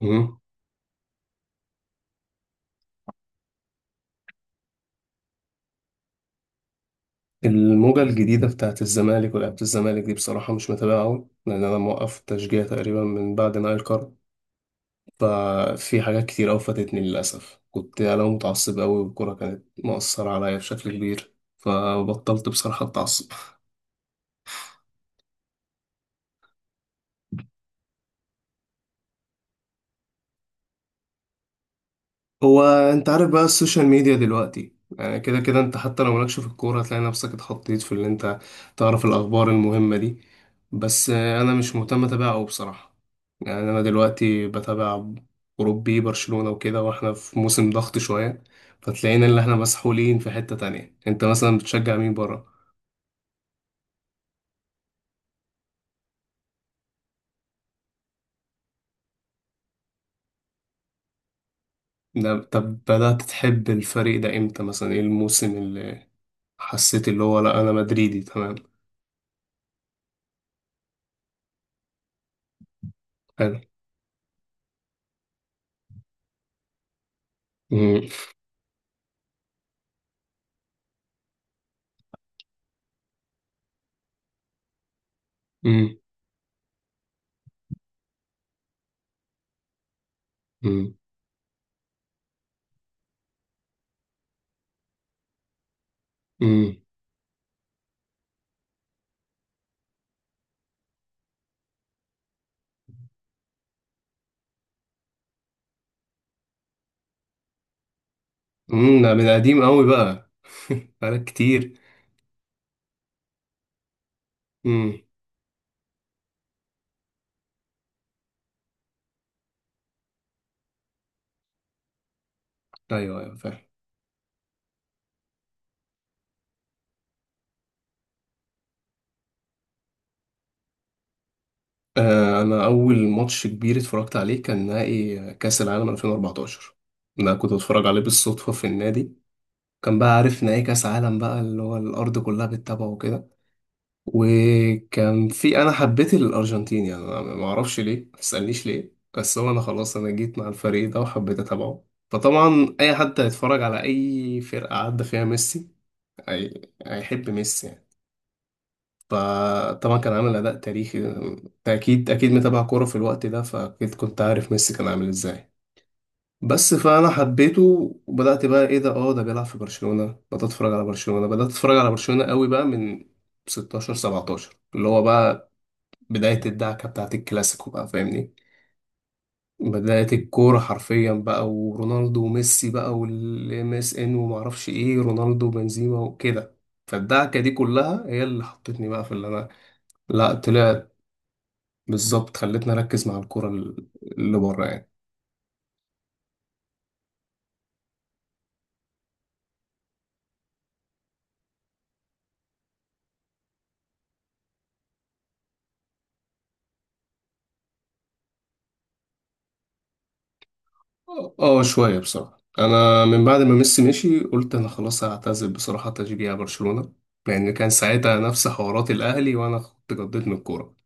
مم. الموجة الجديدة بتاعت الزمالك ولعبة الزمالك دي بصراحة مش متابعة أوي، لأن أنا موقف التشجيع تقريبا من بعد نهاية القرن. ففي حاجات كتير أوي فاتتني للأسف. كنت يعني أنا متعصب أوي والكورة كانت مؤثرة عليا بشكل كبير، فبطلت بصراحة أتعصب. هو انت عارف بقى السوشيال ميديا دلوقتي، يعني كده كده انت حتى لو مالكش في الكورة هتلاقي نفسك اتحطيت في اللي انت تعرف الأخبار المهمة دي. بس آه، أنا مش مهتم أتابع أوي بصراحة. يعني أنا دلوقتي بتابع أوروبي، برشلونة وكده، وإحنا في موسم ضغط شوية، فتلاقينا اللي إحنا مسحولين في حتة تانية. أنت مثلا بتشجع مين برا؟ طب بدأت تحب الفريق ده إمتى؟ مثلا إيه الموسم اللي حسيت اللي هو لأ أنا مدريدي تمام؟ حلو. مم. مم. مم. امم، ده من قديم قوي بقى. بقالك كتير. امم. ايوه ايوه، فاهم. آه، انا اول ماتش كبير اتفرجت عليه كان نهائي كاس العالم 2014. ده كنت اتفرج عليه بالصدفه في النادي. كان بقى عارف نهائي كاس عالم بقى، اللي هو الارض كلها بتتابعه وكده. وكان في، انا حبيت الارجنتين، يعني أنا ما اعرفش ليه، ما تسالنيش ليه، بس هو انا خلاص انا جيت مع الفريق ده وحبيت اتابعه. فطبعا اي حد هيتفرج على اي فرقه عدى فيها ميسي هي- هيحب ميسي يعني. فطبعا كان عامل اداء تاريخي. أنت اكيد اكيد متابع كوره في الوقت ده، فاكيد كنت عارف ميسي كان عامل ازاي. بس فانا حبيته، وبدات بقى ايه ده، اه ده بيلعب في برشلونه. بدات اتفرج على برشلونه، بدات اتفرج على برشلونه قوي بقى من 16 17، اللي هو بقى بدايه الدعكه بتاعت الكلاسيكو بقى، فاهمني، بدايه الكوره حرفيا بقى، ورونالدو وميسي بقى، والام اس ان ومعرفش ايه، رونالدو وبنزيما وكده. فالدعكه دي كلها هي اللي حطتني بقى في اللي انا، لا طلع بالظبط، خلتني اركز مع الكرة اللي بره يعني. شويه بصراحه. انا من بعد ما ميسي مشي قلت انا خلاص هعتزل بصراحه تشجيع برشلونه، لان كان ساعتها نفس حوارات الاهلي وانا كنت قضيت من الكوره.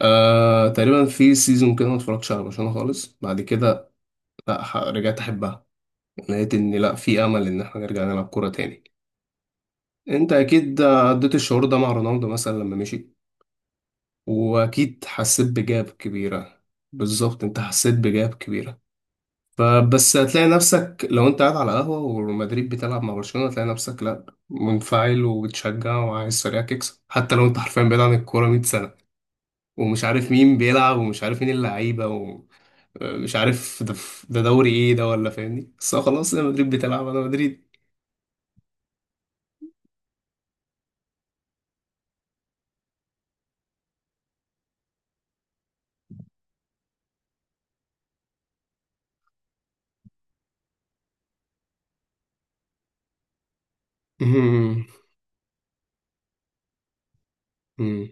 آه، تقريبا في سيزون كده ما اتفرجتش على برشلونه خالص. بعد كده لا، رجعت احبها. لقيت ان لا، في امل ان احنا نرجع نلعب كوره تاني. انت اكيد عديت الشعور ده مع رونالدو مثلا لما مشي، واكيد حسيت بجاب كبيره، بالظبط انت حسيت بجاب كبيره. فبس هتلاقي نفسك لو انت قاعد على قهوة ومدريد بتلعب مع برشلونة، هتلاقي نفسك لا، منفعل وبتشجع وعايز فريقك يكسب، حتى لو انت حرفيا بعيد عن الكورة 100 سنة ومش عارف مين بيلعب ومش عارف مين اللعيبة ومش عارف ده، ده دوري ايه ده ولا، فاهمني، بس هو خلاص انا مدريد بتلعب انا مدريد. مهم. مم.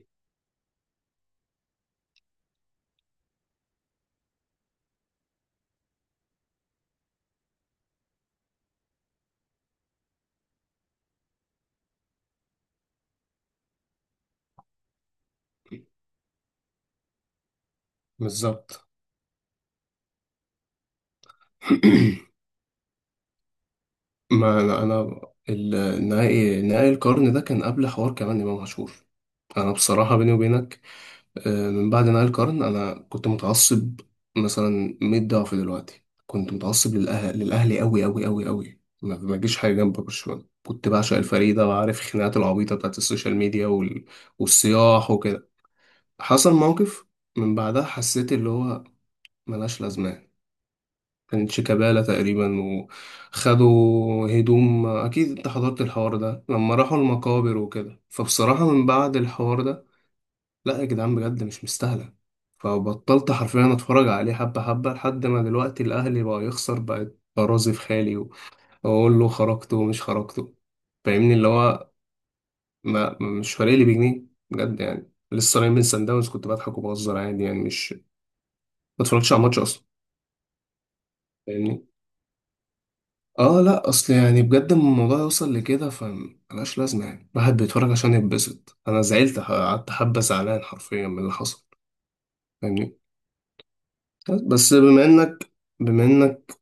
بالظبط. ما انا انا النهائي، نهائي القرن ده كان قبل حوار كمان امام عاشور. انا بصراحة بيني وبينك، آه، من بعد نهاية القرن أنا كنت متعصب مثلا 100 ضعف دلوقتي. كنت متعصب للأهل للأهلي أوي أوي أوي أوي، ما جيش حاجة جنب برشلونة. كنت بعشق الفريق ده، وعارف الخناقات العبيطة بتاعت السوشيال ميديا وال... والصياح وكده. حصل موقف من بعدها حسيت اللي هو ملهاش لازمة. كانت شيكابالا تقريبا وخدوا هدوم، أكيد أنت حضرت الحوار ده لما راحوا المقابر وكده، فبصراحة من بعد الحوار ده، لا يا جدعان بجد مش مستاهلة. فبطلت حرفيا اتفرج عليه حبة حبة، لحد ما دلوقتي الاهلي بقى يخسر بقت ارازي في خالي واقول له خرجته ومش خرجته، فاهمني اللي هو مش فارق لي بجنيه. بجد يعني لسه راجع من سان داونز كنت بضحك وبهزر عادي، يعني مش، ما اتفرجتش على الماتش اصلا. فاهمني. اه لا، اصل يعني بجد لما الموضوع يوصل لكده فملهاش لازمة. يعني الواحد بيتفرج عشان يتبسط، انا زعلت، قعدت حبة زعلان حرفيا من اللي حصل. فاهمني. بس بما انك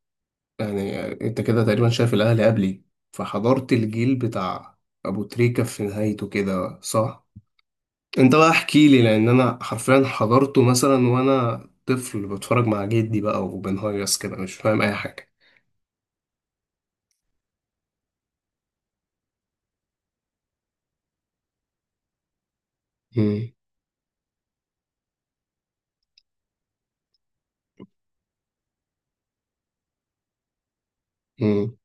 يعني انت كده تقريبا شايف الاهلي قبلي، فحضرت الجيل بتاع ابو تريكة في نهايته كده صح؟ انت بقى احكي لي، لان انا حرفيا حضرته مثلا وانا طفل بتفرج مع جدي بقى وبنهيص كده مش فاهم اي حاجة. مم. مم.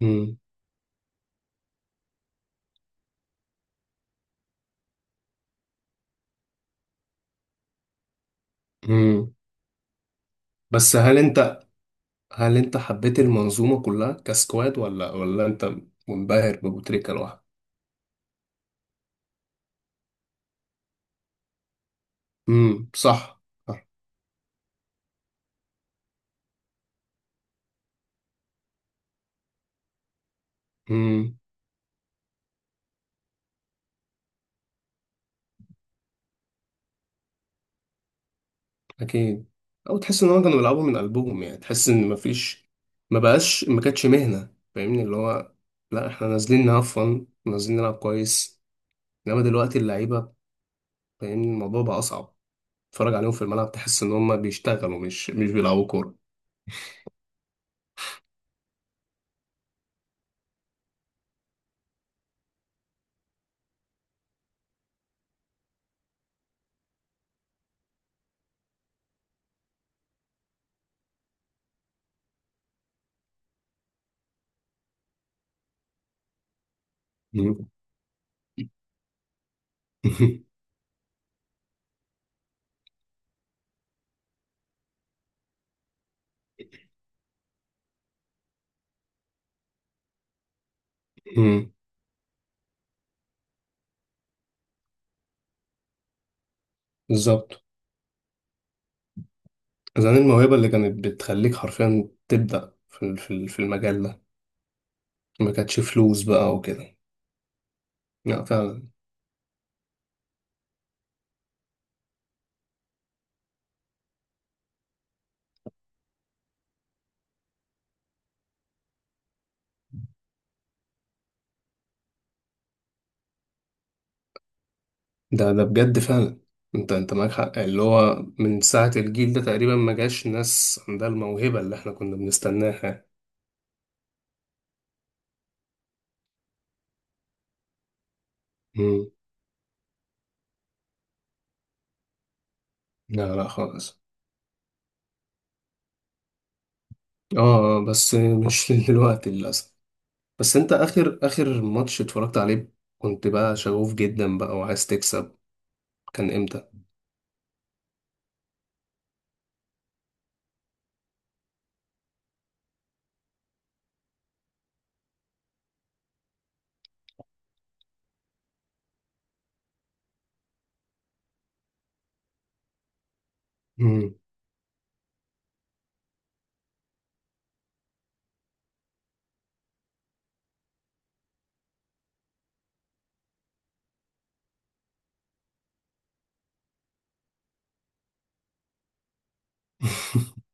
مم. مم. بس هل انت حبيت المنظومة كلها كسكواد، ولا انت منبهر بابو تريكة لوحده؟ امم، صح. صح. اكيد، او تحس ان هم كانوا بيلعبوا من قلبهم، يعني تحس ان مفيش، ما بقاش، ما كانتش مهنه، فاهمني اللي هو لا احنا نازلين نهفن نازلين نلعب كويس، انما دلوقتي اللعيبه، فاهمني الموضوع بقى اصعب. تتفرج عليهم في الملعب تحس ان هم بيشتغلوا مش بيلعبوا كوره. مم. مم. بالظبط. زمان الموهبة اللي كانت بتخليك حرفيا تبدأ في في المجال ده، ما كانتش فلوس بقى وكده. لا فعلا، ده بجد فعلا. انت معاك حق، اللي هو من ساعة الجيل ده تقريبا ما جاش ناس عندها الموهبة اللي احنا كنا بنستناها. مم. لا لا خالص. اه آه، بس مش دلوقتي للأسف. بس انت آخر آخر ماتش اتفرجت عليه كنت بقى شغوف جدا بقى وعايز تكسب، كان امتى؟ مم.